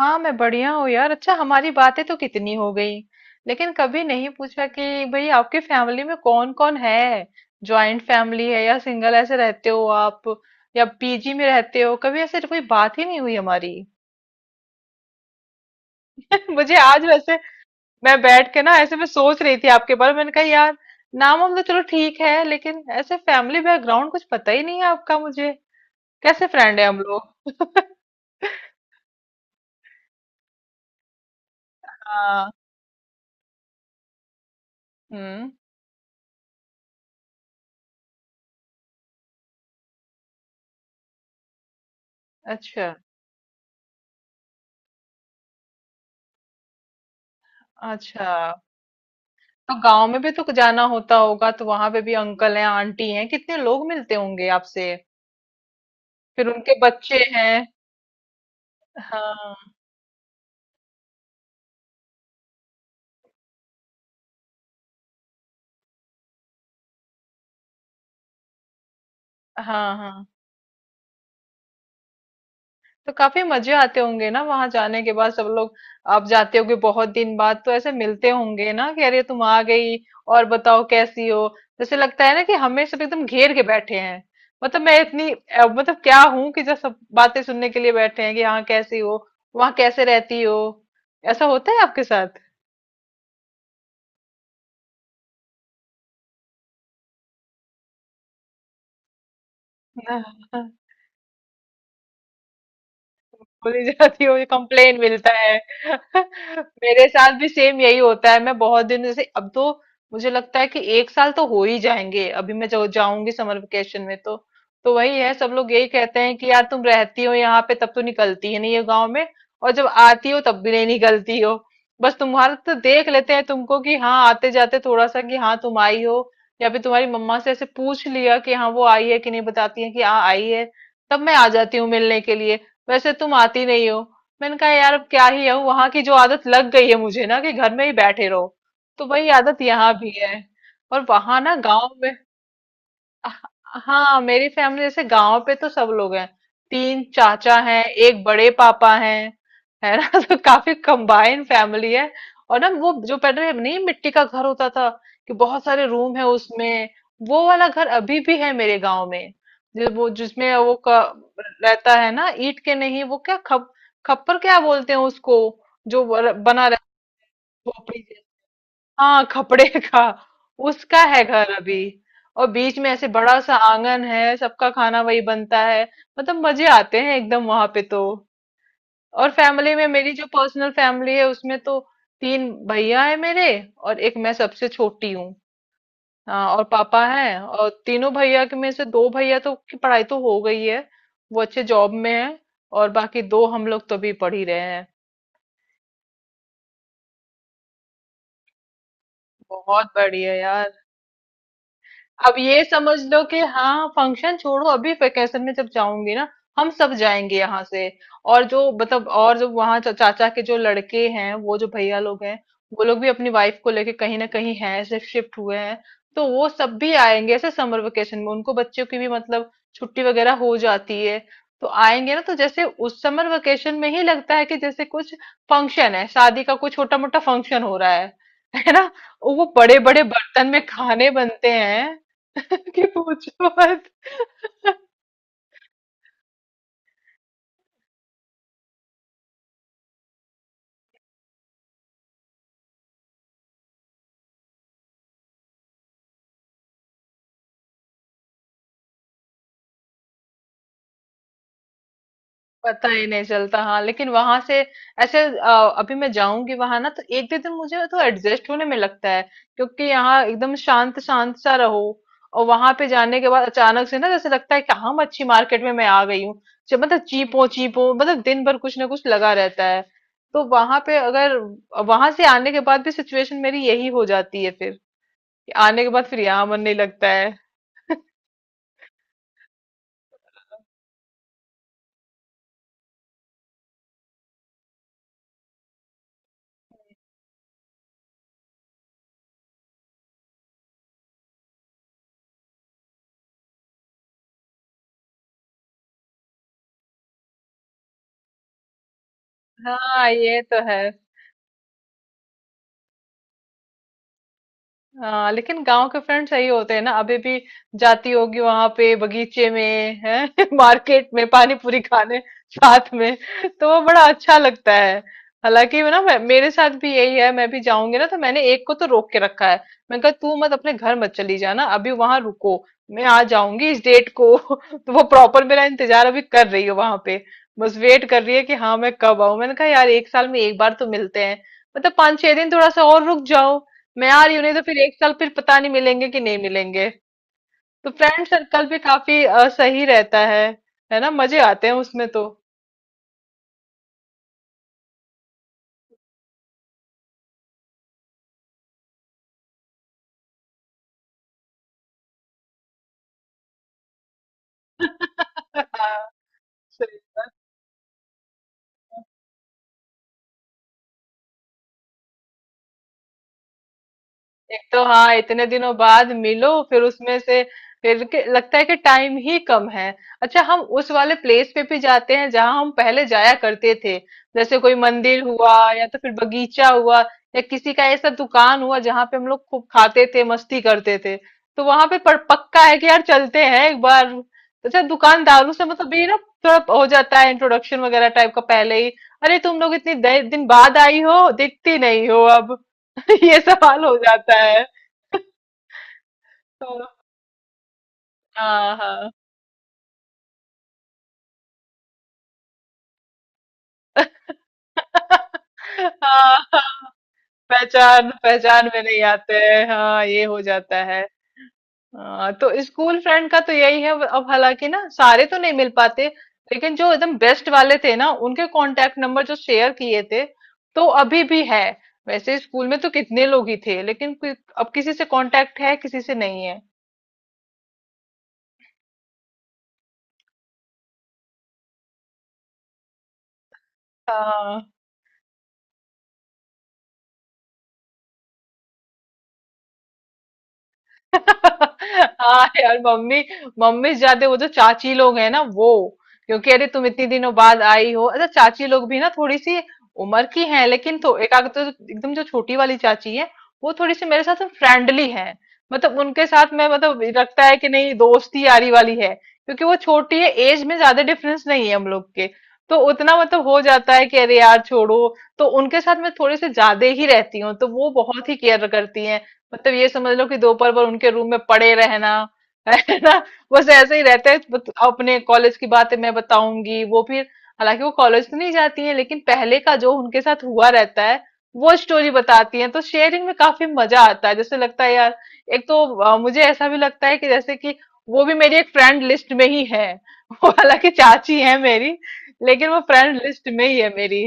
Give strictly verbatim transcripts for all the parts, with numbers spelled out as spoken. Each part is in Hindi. हाँ मैं बढ़िया हूँ यार। अच्छा, हमारी बातें तो कितनी हो गई, लेकिन कभी नहीं पूछा कि भाई आपकी फैमिली में कौन कौन है। जॉइंट फैमिली है या सिंगल ऐसे रहते हो आप, या पीजी में रहते हो? कभी ऐसे कोई बात ही नहीं हुई हमारी। मुझे आज वैसे, मैं बैठ के ना ऐसे मैं सोच रही थी आपके बारे में, मैंने कहा यार नाम हम तो चलो ठीक है, लेकिन ऐसे फैमिली बैकग्राउंड कुछ पता ही नहीं है आपका मुझे। कैसे फ्रेंड है हम लोग। हाँ। हम्म। अच्छा। अच्छा, तो गांव में भी तो जाना होता होगा, तो वहां पे भी अंकल हैं, आंटी हैं, कितने लोग मिलते होंगे आपसे। फिर उनके बच्चे हैं। हाँ। हाँ। हाँ, तो काफी मजे आते होंगे ना वहां जाने के बाद सब लोग। आप जाते होगे बहुत दिन बाद, तो ऐसे मिलते होंगे ना कि अरे तुम आ गई, और बताओ कैसी हो। जैसे लगता है ना कि हमें सब एकदम घेर के बैठे हैं। मतलब मैं इतनी अ, मतलब क्या हूं कि जब सब बातें सुनने के लिए बैठे हैं कि हाँ कैसी हो, वहां कैसे रहती हो। ऐसा होता है आपके साथ? बोली जाती है, मुझे कंप्लेन मिलता है। मेरे साथ भी सेम यही होता है। मैं बहुत दिन से अब तो, मुझे लगता है कि एक साल तो हो ही जाएंगे अभी। मैं जो जाऊंगी समर वेकेशन में, तो तो वही है, सब लोग यही कहते हैं कि यार तुम रहती हो यहाँ पे तब तो निकलती ही नहीं हो गाँव में, और जब आती हो तब भी नहीं निकलती हो। बस तुम्हारा तो देख लेते हैं तुमको कि हाँ आते जाते थोड़ा सा कि हाँ तुम आई हो, या फिर तुम्हारी मम्मा से ऐसे पूछ लिया कि हाँ वो आई है कि नहीं, बताती है कि हाँ आई है, तब मैं आ जाती हूँ मिलने के लिए, वैसे तुम आती नहीं हो। मैंने कहा यार अब क्या ही है, वहां की जो आदत लग गई है मुझे ना कि घर में ही बैठे रहो, तो वही आदत यहाँ भी है। और वहां ना गांव में, हाँ मेरी फैमिली जैसे गांव पे तो सब लोग हैं। तीन चाचा हैं, एक बड़े पापा हैं, है ना। तो काफी कंबाइन फैमिली है। और ना वो जो पहले नहीं मिट्टी का घर होता था कि बहुत सारे रूम है उसमें, वो वाला घर अभी भी है मेरे गांव में। जो वो जिसमें वो क- रहता है ना, ईंट के नहीं, वो क्या खप खप्पर क्या बोलते हैं उसको, जो वो र- बना रहता है। हाँ, खपड़े का। उसका है घर अभी, और बीच में ऐसे बड़ा सा आंगन है, सबका खाना वही बनता है। मतलब मजे आते हैं एकदम वहां पे तो। और फैमिली में मेरी जो पर्सनल फैमिली है उसमें तो, तीन भैया है मेरे, और एक मैं सबसे छोटी हूँ। हाँ, और पापा हैं, और तीनों भैया के में से दो भैया तो की पढ़ाई तो हो गई है, वो अच्छे जॉब में है, और बाकी दो हम लोग तो अभी पढ़ ही रहे हैं। बहुत बढ़िया यार। अब ये समझ लो कि हाँ फंक्शन छोड़ो, अभी वेकेशन में जब जाऊंगी ना, हम सब जाएंगे यहाँ से, और जो मतलब और जो वहाँ चा, चाचा के जो लड़के हैं, वो जो भैया लोग हैं, वो लोग भी अपनी वाइफ को लेके कहीं ना कहीं हैं ऐसे, शिफ्ट हुए हैं। तो वो सब भी आएंगे ऐसे समर वेकेशन में, उनको बच्चों की भी मतलब छुट्टी वगैरह हो जाती है, तो आएंगे ना। तो जैसे उस समर वेकेशन में ही लगता है कि जैसे कुछ फंक्शन है, शादी का कोई छोटा मोटा फंक्शन हो रहा है है ना। वो बड़े बड़े बर्तन में खाने बनते हैं। कि पूछो मत। पता ही नहीं चलता, हाँ। लेकिन वहां से ऐसे अ, अभी मैं जाऊंगी वहां ना, तो एक दो दिन मुझे तो एडजस्ट होने में लगता है, क्योंकि यहाँ एकदम शांत शांत सा रहो, और वहां पे जाने के बाद अचानक से ना जैसे लगता है कि हाँ मच्छी मार्केट में मैं आ गई हूँ। जब मतलब चीपो चीपो मतलब दिन भर कुछ ना कुछ लगा रहता है। तो वहां पे अगर, वहां से आने के बाद भी सिचुएशन मेरी यही हो जाती है फिर, कि आने के बाद फिर यहाँ मन नहीं लगता है। हाँ ये तो है। हाँ लेकिन गांव के फ्रेंड्स यही होते हैं ना अभी भी, जाती होगी वहां पे बगीचे में है, मार्केट में पानी पूरी खाने साथ में, तो वो बड़ा अच्छा लगता है। हालांकि वो ना, मैं- मेरे साथ भी यही है। मैं भी जाऊंगी ना, तो मैंने एक को तो रोक के रखा है। मैं कहा तू मत अपने घर मत चली जाना, अभी वहां रुको, मैं आ जाऊंगी इस डेट को। तो वो प्रॉपर मेरा इंतजार अभी कर रही है वहां पे, बस वेट कर रही है कि हाँ मैं कब आऊं। मैंने कहा यार एक साल में एक बार तो मिलते हैं, मतलब पाँच छह दिन थोड़ा सा और रुक जाओ, मैं यार रही हूँ, नहीं तो फिर एक साल फिर पता नहीं मिलेंगे कि नहीं मिलेंगे। तो फ्रेंड सर्कल भी काफी अ, सही रहता है। है ना, मजे आते हैं उसमें तो। हाँ, एक तो हाँ इतने दिनों बाद मिलो, फिर उसमें से फिर के, लगता है कि टाइम ही कम है। अच्छा हम उस वाले प्लेस पे भी जाते हैं जहाँ हम पहले जाया करते थे, जैसे कोई मंदिर हुआ या तो फिर बगीचा हुआ, या किसी का ऐसा दुकान हुआ जहाँ पे हम लोग खूब खाते थे, मस्ती करते थे। तो वहां पे पर पक्का है कि यार चलते हैं एक बार। अच्छा दुकानदारों से मतलब भी ना, थोड़ा हो जाता है इंट्रोडक्शन वगैरह टाइप का पहले ही, अरे तुम लोग इतनी दे- दिन बाद आई हो, दिखती नहीं हो अब। ये सवाल हो जाता है। तो हाँ हाँ। हाँ हाँ, पहचान पहचान में नहीं आते हैं, हाँ ये हो जाता है। हाँ तो स्कूल फ्रेंड का तो यही है अब, हालांकि ना सारे तो नहीं मिल पाते, लेकिन जो एकदम बेस्ट वाले थे ना, उनके कांटेक्ट नंबर जो शेयर किए थे, तो अभी भी है। वैसे स्कूल में तो कितने लोग ही थे लेकिन कोई, अब किसी से कांटेक्ट है किसी से नहीं है। हाँ हाँ यार मम्मी। मम्मी से ज्यादा वो जो चाची लोग हैं ना वो, क्योंकि अरे तुम इतनी दिनों बाद आई हो। अच्छा चाची लोग भी ना थोड़ी सी उम्र की हैं, लेकिन तो एक आग, तो एकदम जो छोटी वाली चाची है, वो थोड़ी सी मेरे साथ फ्रेंडली है। मतलब उनके साथ मैं मतलब लगता है कि नहीं दोस्ती यारी वाली है, क्योंकि वो छोटी है, एज में ज्यादा डिफरेंस नहीं है हम लोग के। तो उतना मतलब हो जाता है कि अरे यार छोड़ो। तो उनके साथ मैं थोड़े से ज्यादा ही रहती हूँ, तो वो बहुत ही केयर करती हैं। मतलब ये समझ लो कि दोपहर भर उनके रूम में पड़े रहना। है ना। बस ऐसे ही रहते हैं, बत- अपने कॉलेज की बातें मैं बताऊंगी, वो फिर, हालांकि वो कॉलेज तो नहीं जाती है, लेकिन पहले का जो उनके साथ हुआ रहता है, वो स्टोरी बताती हैं। तो शेयरिंग में काफी मजा आता है, जैसे लगता है यार, एक तो अ, मुझे ऐसा भी लगता है कि जैसे कि, वो भी मेरी एक फ्रेंड लिस्ट में ही है। वो हालांकि चाची है मेरी, लेकिन वो फ्रेंड लिस्ट में ही है मेरी।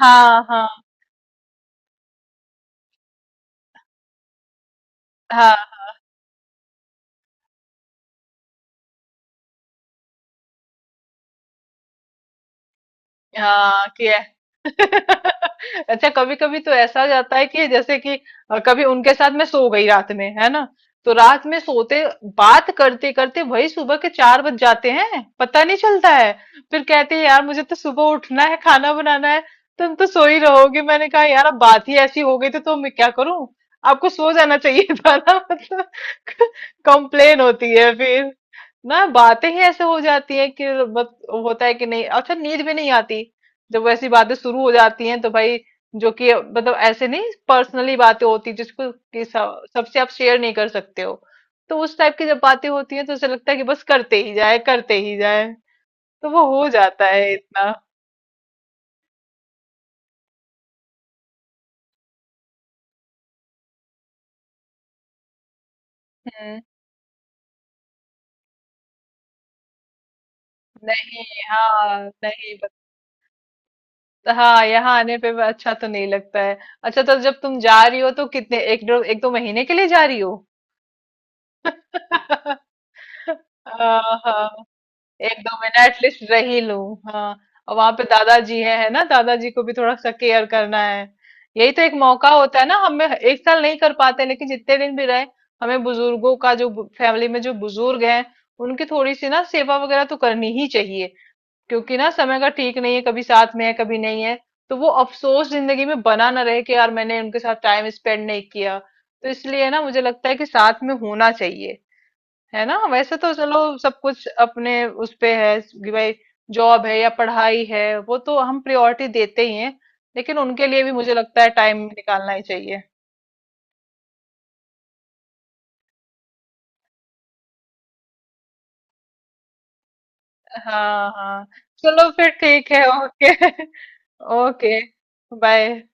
हाँ हाँ। हाँ हाँ कि। अच्छा कभी कभी तो ऐसा हो जाता है कि जैसे कि अ, कभी उनके साथ मैं सो गई रात में, है ना, तो रात में सोते बात करते करते वही सुबह के चार बज जाते हैं, पता नहीं चलता है। फिर कहते हैं यार मुझे तो सुबह उठना है खाना बनाना है, तुम तो सो ही रहोगे। मैंने कहा यार अब बात ही ऐसी हो गई तो, तो मैं क्या करूं, आपको सो जाना चाहिए था ना। मतलब कंप्लेन होती है फिर ना, बातें ही ऐसे हो जाती है कि बस। होता है कि नहीं, अच्छा नींद भी नहीं आती जब वैसी बातें शुरू हो जाती हैं, तो भाई जो कि मतलब ऐसे नहीं, पर्सनली बातें होती जिसको कि सब- सबसे आप शेयर नहीं कर सकते हो। तो उस टाइप की जब बातें होती हैं तो ऐसा लगता है कि बस करते ही जाए करते ही जाए। तो वो हो जाता है इतना। हम्म। नहीं। हाँ नहीं बत- हाँ यहाँ आने पे भी अच्छा तो नहीं लगता है। अच्छा तो जब तुम जा रही हो तो कितने एक दो एक दो महीने के लिए जा रही हो? हाँ, एक दो महीना एटलीस्ट रह ही लूं, हाँ। और वहां पे दादाजी है है ना, दादाजी को भी थोड़ा सा केयर करना है। यही तो एक मौका होता है ना, हमें एक साल नहीं कर पाते लेकिन जितने दिन भी रहे, हमें बुजुर्गों का जो, फैमिली में जो बुजुर्ग हैं उनकी थोड़ी सी ना सेवा वगैरह तो करनी ही चाहिए। क्योंकि ना समय का ठीक नहीं है, कभी साथ में है कभी नहीं है। तो वो अफसोस जिंदगी में बना ना रहे कि यार मैंने उनके साथ टाइम स्पेंड नहीं किया, तो इसलिए ना मुझे लगता है कि साथ में होना चाहिए। है ना, वैसे तो चलो सब कुछ अपने उस पे है कि भाई जॉब है या पढ़ाई है, वो तो हम प्रायोरिटी देते ही हैं, लेकिन उनके लिए भी मुझे लगता है टाइम निकालना ही चाहिए। हाँ हाँ। चलो फिर ठीक है, ओके। Okay, bye.